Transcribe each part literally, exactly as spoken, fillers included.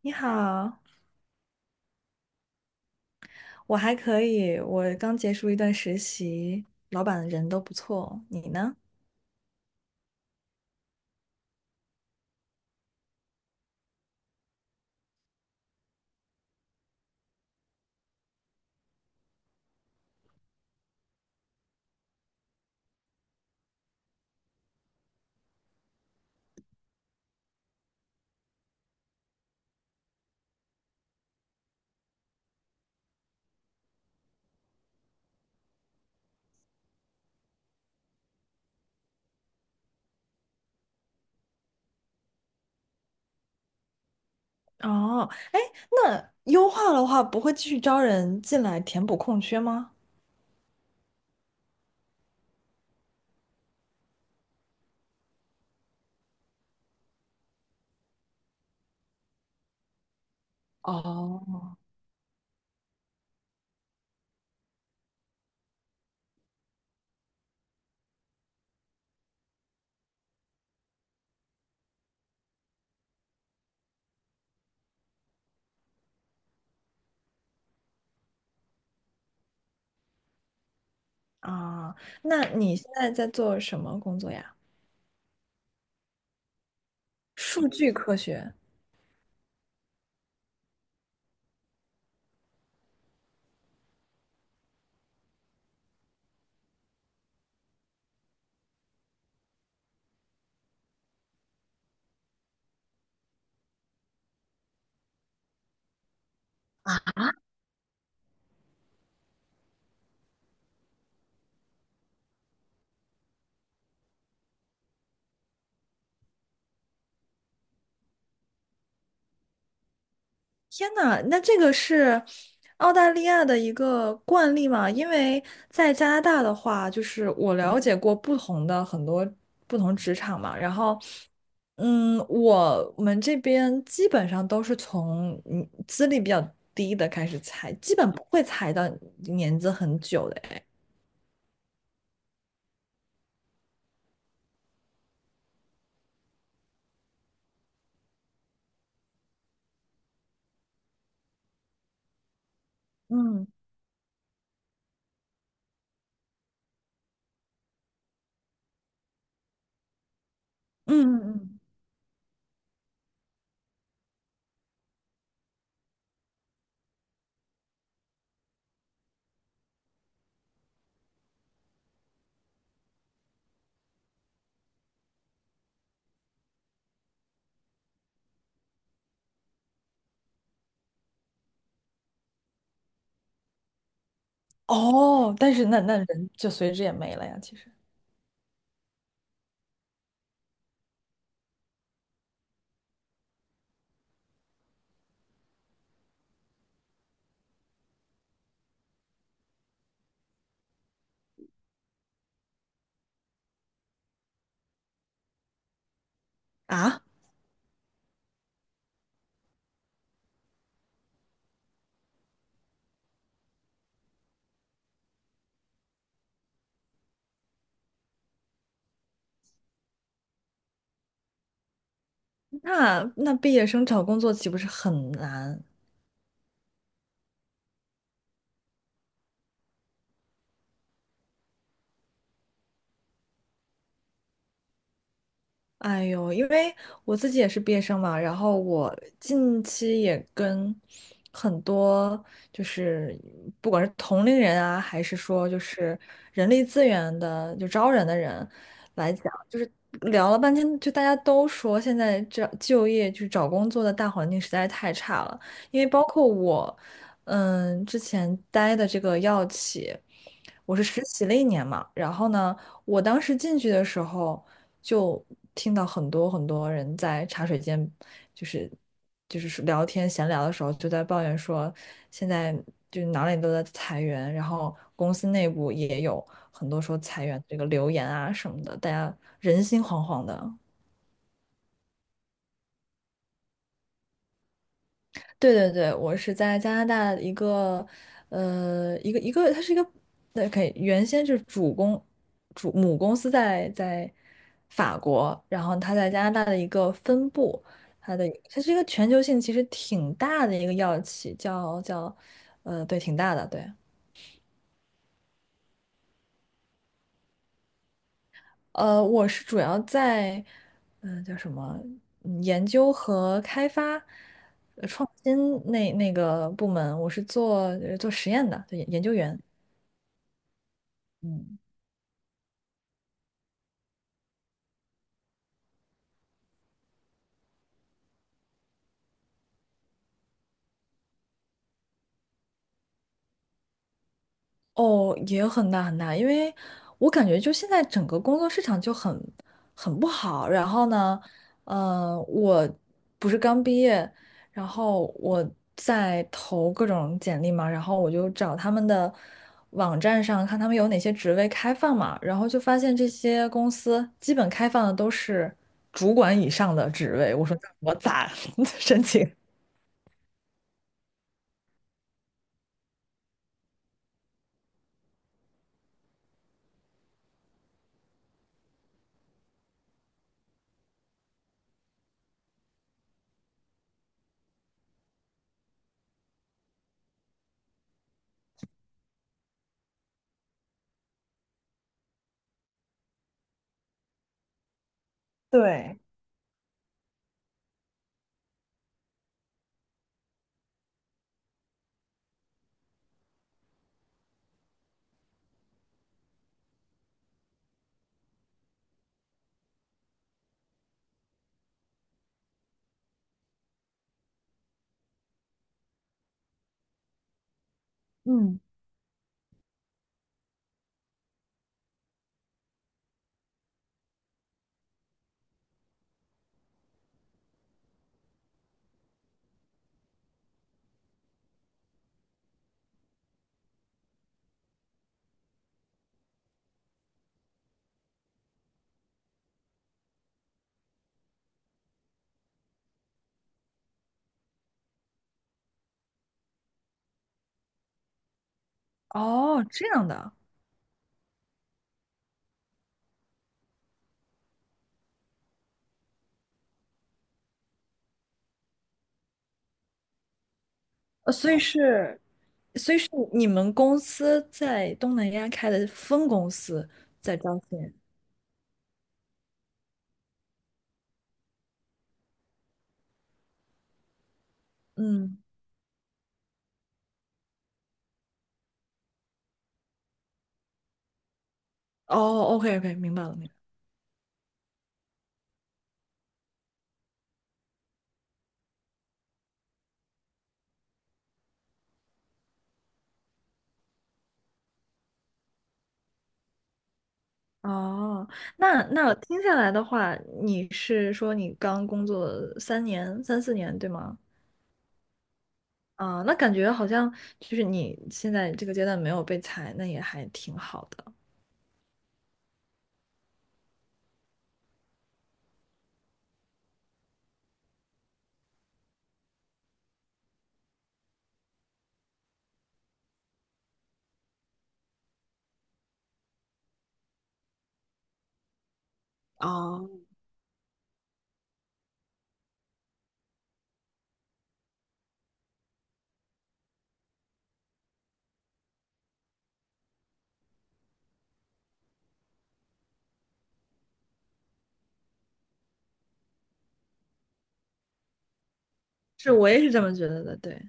你好，我还可以，我刚结束一段实习，老板人都不错。你呢？哦，哎，那优化的话，不会继续招人进来填补空缺吗？哦，啊，那你现在在做什么工作呀？数据科学。天呐，那这个是澳大利亚的一个惯例嘛？因为在加拿大的话，就是我了解过不同的很多不同职场嘛，然后，嗯，我们这边基本上都是从嗯资历比较低的开始裁，基本不会裁到年资很久的哎。嗯嗯嗯嗯。哦，但是那那人就随之也没了呀，其实。啊，那那毕业生找工作岂不是很难？哎呦，因为我自己也是毕业生嘛，然后我近期也跟很多就是不管是同龄人啊，还是说就是人力资源的就招人的人来讲，就是聊了半天，就大家都说现在这就业就是找工作的大环境实在是太差了，因为包括我，嗯，之前待的这个药企，我是实习了一年嘛，然后呢。我当时进去的时候，就听到很多很多人在茶水间，就是就是聊天闲聊的时候，就在抱怨说，现在就哪里都在裁员，然后公司内部也有很多说裁员这个流言啊什么的，大家人心惶惶的。对对对，我是在加拿大一个，呃，一个一个，它是一个，对，可以，原先是主公，主母公司在在法国，然后它在加拿大的一个分部，它的它是一个全球性其实挺大的一个药企，叫叫，呃，对，挺大的，对，呃，我是主要在，嗯、叫什么，嗯研究和开发。呃创新那那个部门，我是做呃做实验的，对，研究员。嗯。哦，也很大很大，因为我感觉就现在整个工作市场就很很不好。然后呢，呃，我不是刚毕业，然后我在投各种简历嘛，然后我就找他们的网站上看他们有哪些职位开放嘛，然后就发现这些公司基本开放的都是主管以上的职位。我说那我咋 申请？对，嗯。哦，这样的。呃，所以是，所以是你们公司在东南亚开的分公司在招聘，嗯，哦，OK OK，明白了，明白了。哦，那那听下来的话，你是说你刚工作三年、三四年，对吗？啊，那感觉好像就是你现在这个阶段没有被裁，那也还挺好的。是我也是这么觉得的，对。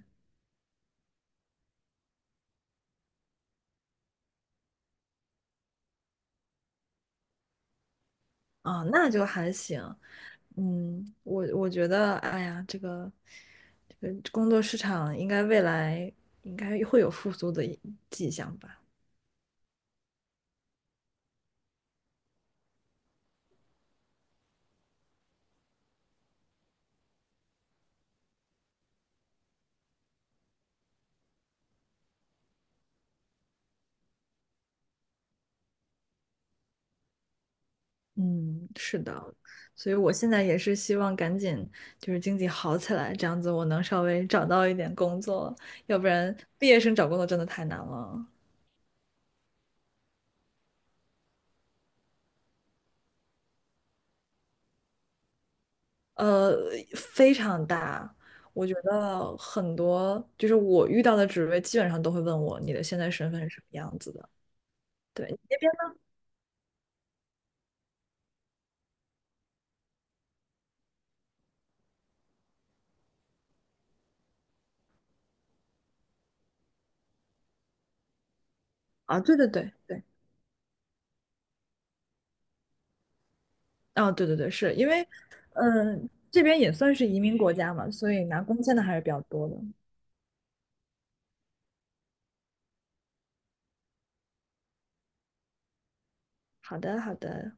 啊，那就还行。嗯，我我觉得，哎呀，这个这个工作市场应该未来应该会有复苏的一迹象吧？嗯，是的，所以我现在也是希望赶紧就是经济好起来，这样子我能稍微找到一点工作，要不然毕业生找工作真的太难了。呃，非常大。我觉得很多就是我遇到的职位，基本上都会问我你的现在身份是什么样子的。对，你那边啊，对对对对，啊，对对对，是因为，嗯、这边也算是移民国家嘛，所以拿工签的还是比较多的。好的，好的。